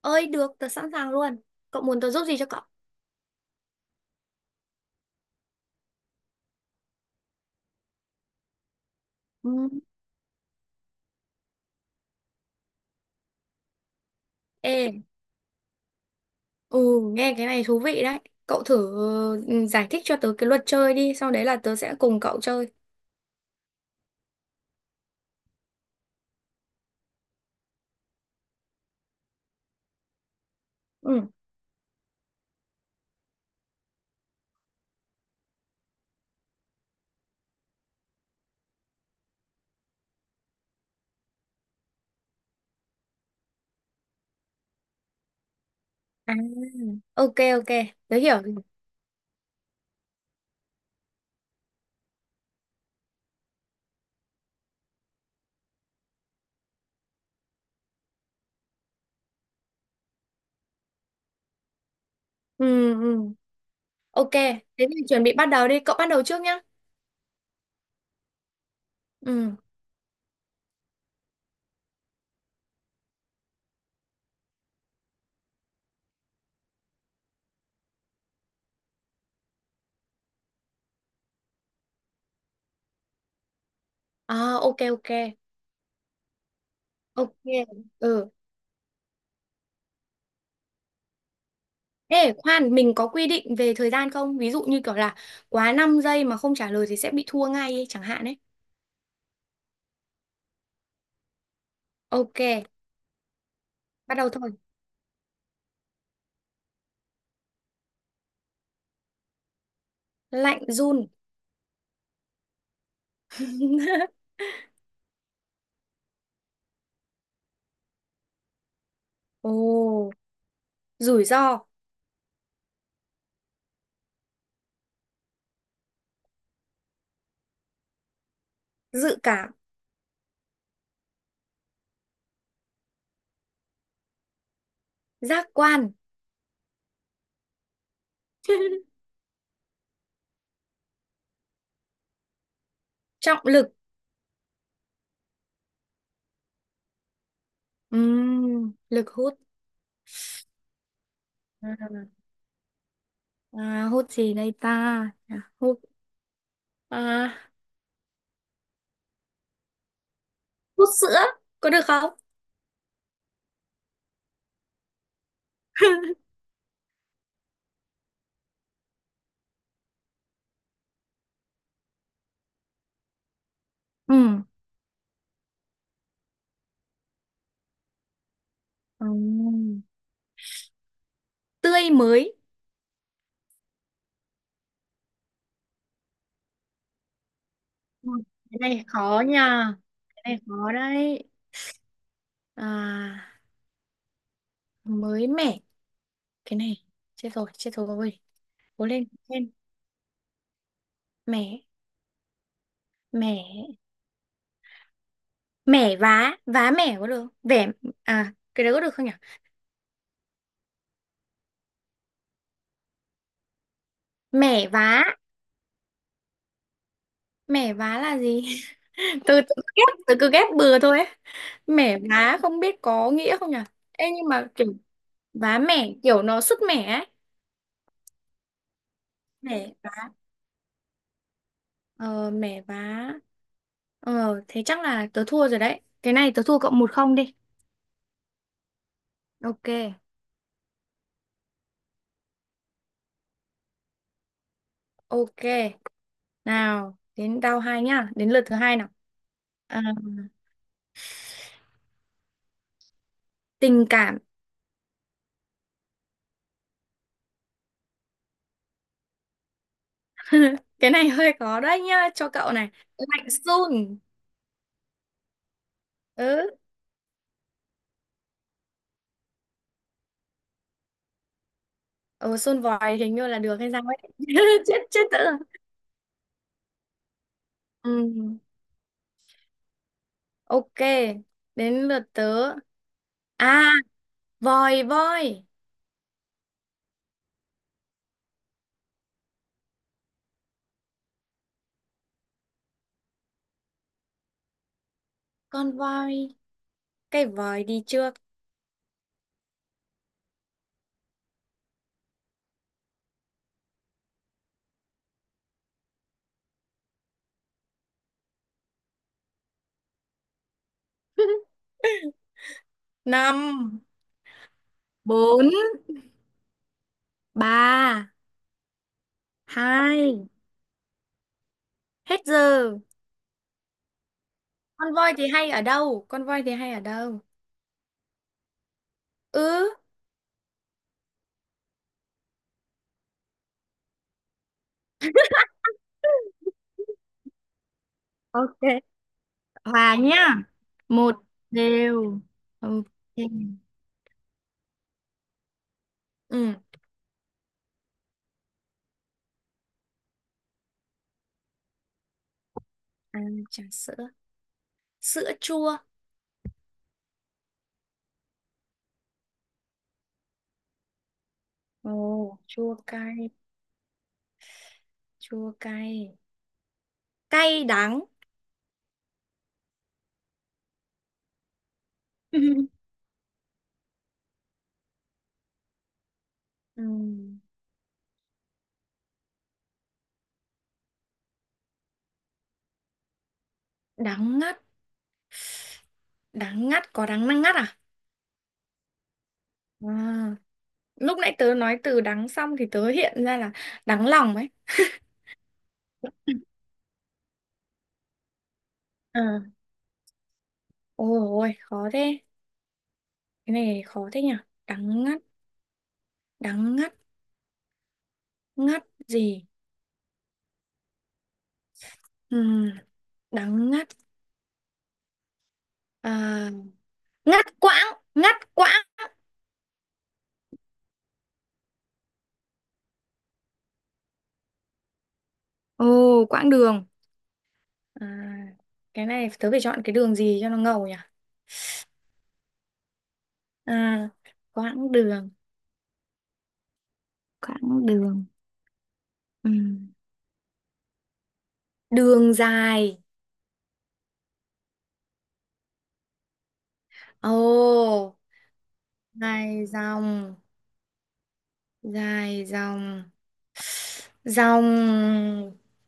Ơi được, tớ sẵn sàng luôn. Cậu muốn tớ giúp gì cho cậu? Ừ. Ê, ừ, nghe cái này thú vị đấy. Cậu thử giải thích cho tớ cái luật chơi đi, sau đấy là tớ sẽ cùng cậu chơi. Ừ. À, ok ok, tớ hiểu. Ừ ừ. Ok, thế thì chuẩn bị bắt đầu đi, cậu bắt đầu trước nhá. Ừ. À ok ok. Ok. Ừ. Ê, khoan, mình có quy định về thời gian không? Ví dụ như kiểu là quá 5 giây mà không trả lời thì sẽ bị thua ngay ấy, chẳng hạn ấy. Ok, bắt đầu thôi. Lạnh run. Ồ, rủi ro, dự cảm, giác quan, trọng lực. Lực hút. À, à, hút gì đây ta? À, à, hút sữa có được không? Ừ. Ừm, tươi mới. Ui, cái này khó nha. Cái này khó đấy. À, mới mẻ. Cái này chết rồi, chết rồi. Cố lên, cố lên. Mẻ, mẻ, mẻ vá, vá mẻ có được không? Vẻ à, cái đấy có được không nhỉ? Mẻ vá. Mẻ vá là gì? Từ từ ghép từ cứ ghép bừa thôi ấy. Mẻ vá không biết có nghĩa không nhỉ. Ê nhưng mà kiểu vá mẻ kiểu nó sứt mẻ ấy. Mẻ vá, ờ mẻ vá, thế chắc là tớ thua rồi đấy, cái này tớ thua cậu 1-0 đi. Ok ok, nào đến tao hai nhá, đến lượt thứ hai nào. À, tình cảm. Cái này hơi khó đấy nhá cho cậu này. Lạnh sun. Ừ. Ừ, xôn vòi hình như là được hay sao ấy. Chết chết tớ rồi. Ừ, ok. Đến lượt tớ. À, vòi voi. Con voi. Cái vòi đi trước. Năm, bốn, ba, hai. Hết giờ. Con voi thì hay ở đâu? Con voi thì hay ở đâu? Ừ. Ok, hòa nhá. Một đều. Ok. Ừ. À, trà sữa. Sữa chua. Ồ, chua cay. Chua cay, cay đắng. Ừm, đắng ngắt. Đắng ngắt có đắng năng ngắt à? À, lúc nãy tớ nói từ đắng xong thì tớ hiện ra là đắng lòng ấy. Ờ, ôi ôi khó thế, cái này khó thế nhỉ. Đắng ngắt, đắng ngắt, ngắt gì? Ừm, đắng ngắt. À, ngắt quãng, ngắt quãng. Ồ, quãng đường. À, cái này tớ phải chọn cái đường gì cho nó ngầu nhỉ. À, quãng đường. Quãng đường. Ừ. Đường dài. Ồ, dài dòng, dài dòng, dòng,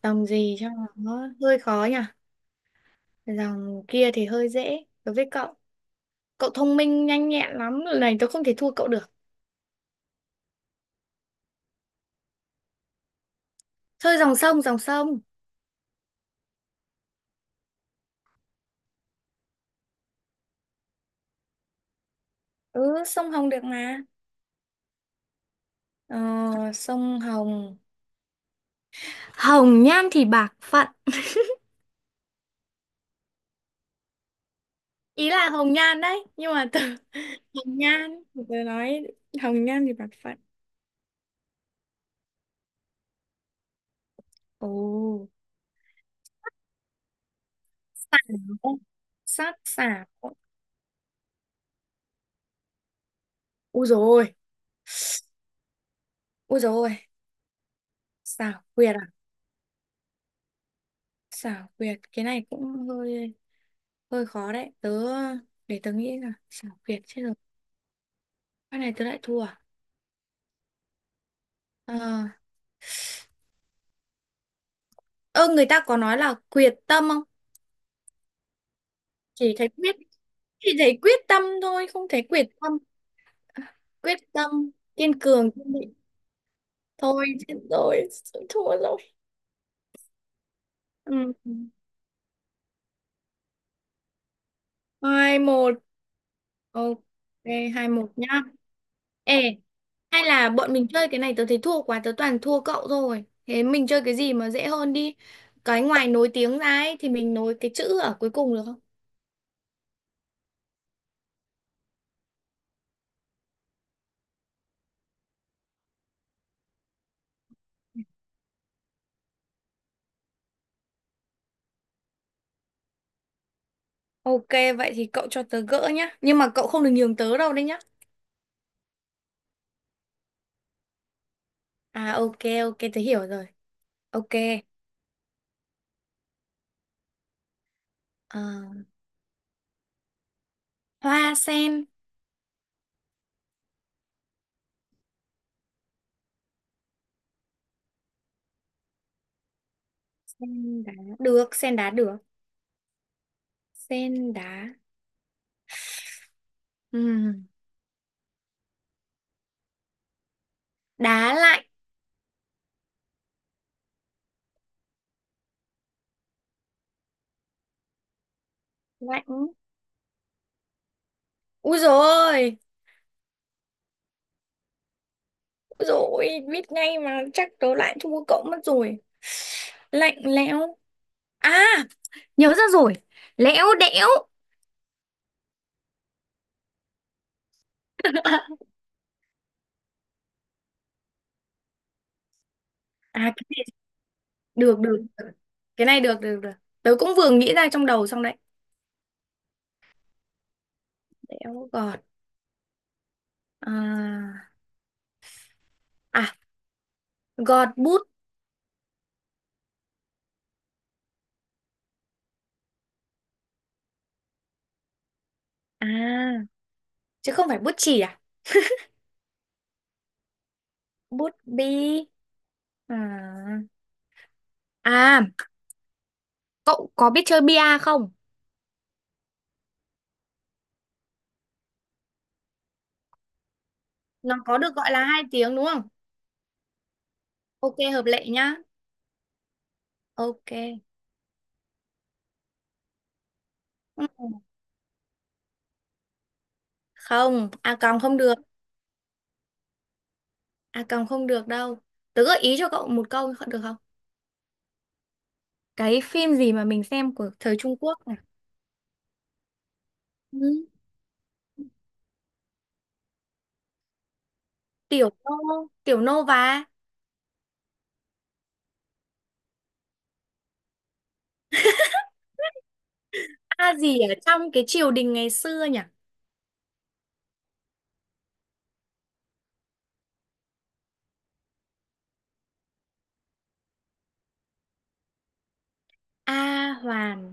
dòng gì cho nó hơi khó nhỉ? Dòng kia thì hơi dễ đối với cậu. Cậu thông minh nhanh nhẹn lắm, lần này tôi không thể thua cậu được. Thôi dòng sông, dòng sông. Ừ, sông Hồng được mà. Ờ, sông Hồng. Hồng nhan thì bạc phận. Ý là Hồng Nhan đấy, nhưng mà từ. Hồng Nhan, tôi nói Hồng Nhan thì bạc phận. Ồ, xảo, sát xảo. Úi rồi ôi. Rồi dồi ôi. Xảo quyệt à? Xảo quyệt. Cái này cũng hơi hơi khó đấy. Để tớ nghĩ là xảo quyệt chết rồi. Cái này tớ lại thua à? Ờ, ơ, người ta có nói là quyệt tâm không? Chỉ thấy quyết chỉ thấy quyết tâm thôi, không thấy quyệt tâm. À, quyết tâm kiên cường kiên định. Thôi chết rồi, thua rồi. Ừ. Hai một. Ok, 2-1 nhá. Ê, hay là bọn mình chơi cái này tớ thấy thua quá, tớ toàn thua cậu rồi. Thế mình chơi cái gì mà dễ hơn đi. Cái ngoài nối tiếng ra ấy, thì mình nối cái chữ ở cuối cùng được không? Ok vậy thì cậu cho tớ gỡ nhá. Nhưng mà cậu không được nhường tớ đâu đấy nhá. À ok ok tớ hiểu rồi. Ok. Ờ, hoa sen. Sen đá. Được sen đá được. Sen đá. Ừm, Đá lạnh. Lạnh. Úi dồi. Rồi biết ngay mà chắc tớ lại thua cậu mất rồi. Lạnh lẽo. À, nhớ ra rồi. Lẽo đẽo. À, cái này được được. Được. Cái này được được được. Tớ cũng vừa nghĩ ra trong đầu xong đấy. Đẽo gọt. À, à, gọt bút. À, chứ không phải bút chì à? Bút bi. À, à, cậu có biết chơi bia không? Nó có được gọi là hai tiếng đúng không? Ok hợp lệ nhá. Ok. Ừ. Không, à còn không được. À còng không được đâu. Tớ gợi ý cho cậu một câu được không? Cái phim gì mà mình xem của thời Trung Quốc này? Ừ. Tiểu Nô, Tiểu Nô và A gì ở trong cái triều đình ngày xưa nhỉ? A Hoàn.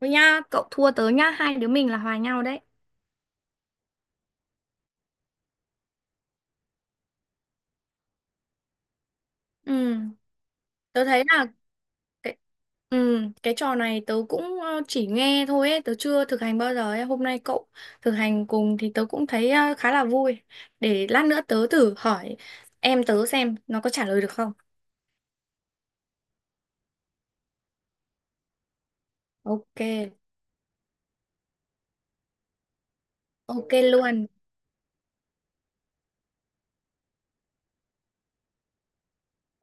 Thôi nha, cậu thua tớ nhá, hai đứa mình là hòa nhau đấy. Ừ, tớ thấy là cái, cái trò này tớ cũng chỉ nghe thôi ấy, tớ chưa thực hành bao giờ ấy. Hôm nay cậu thực hành cùng thì tớ cũng thấy khá là vui. Để lát nữa tớ thử hỏi em tớ xem nó có trả lời được không. Ok, ok luôn.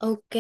Ok.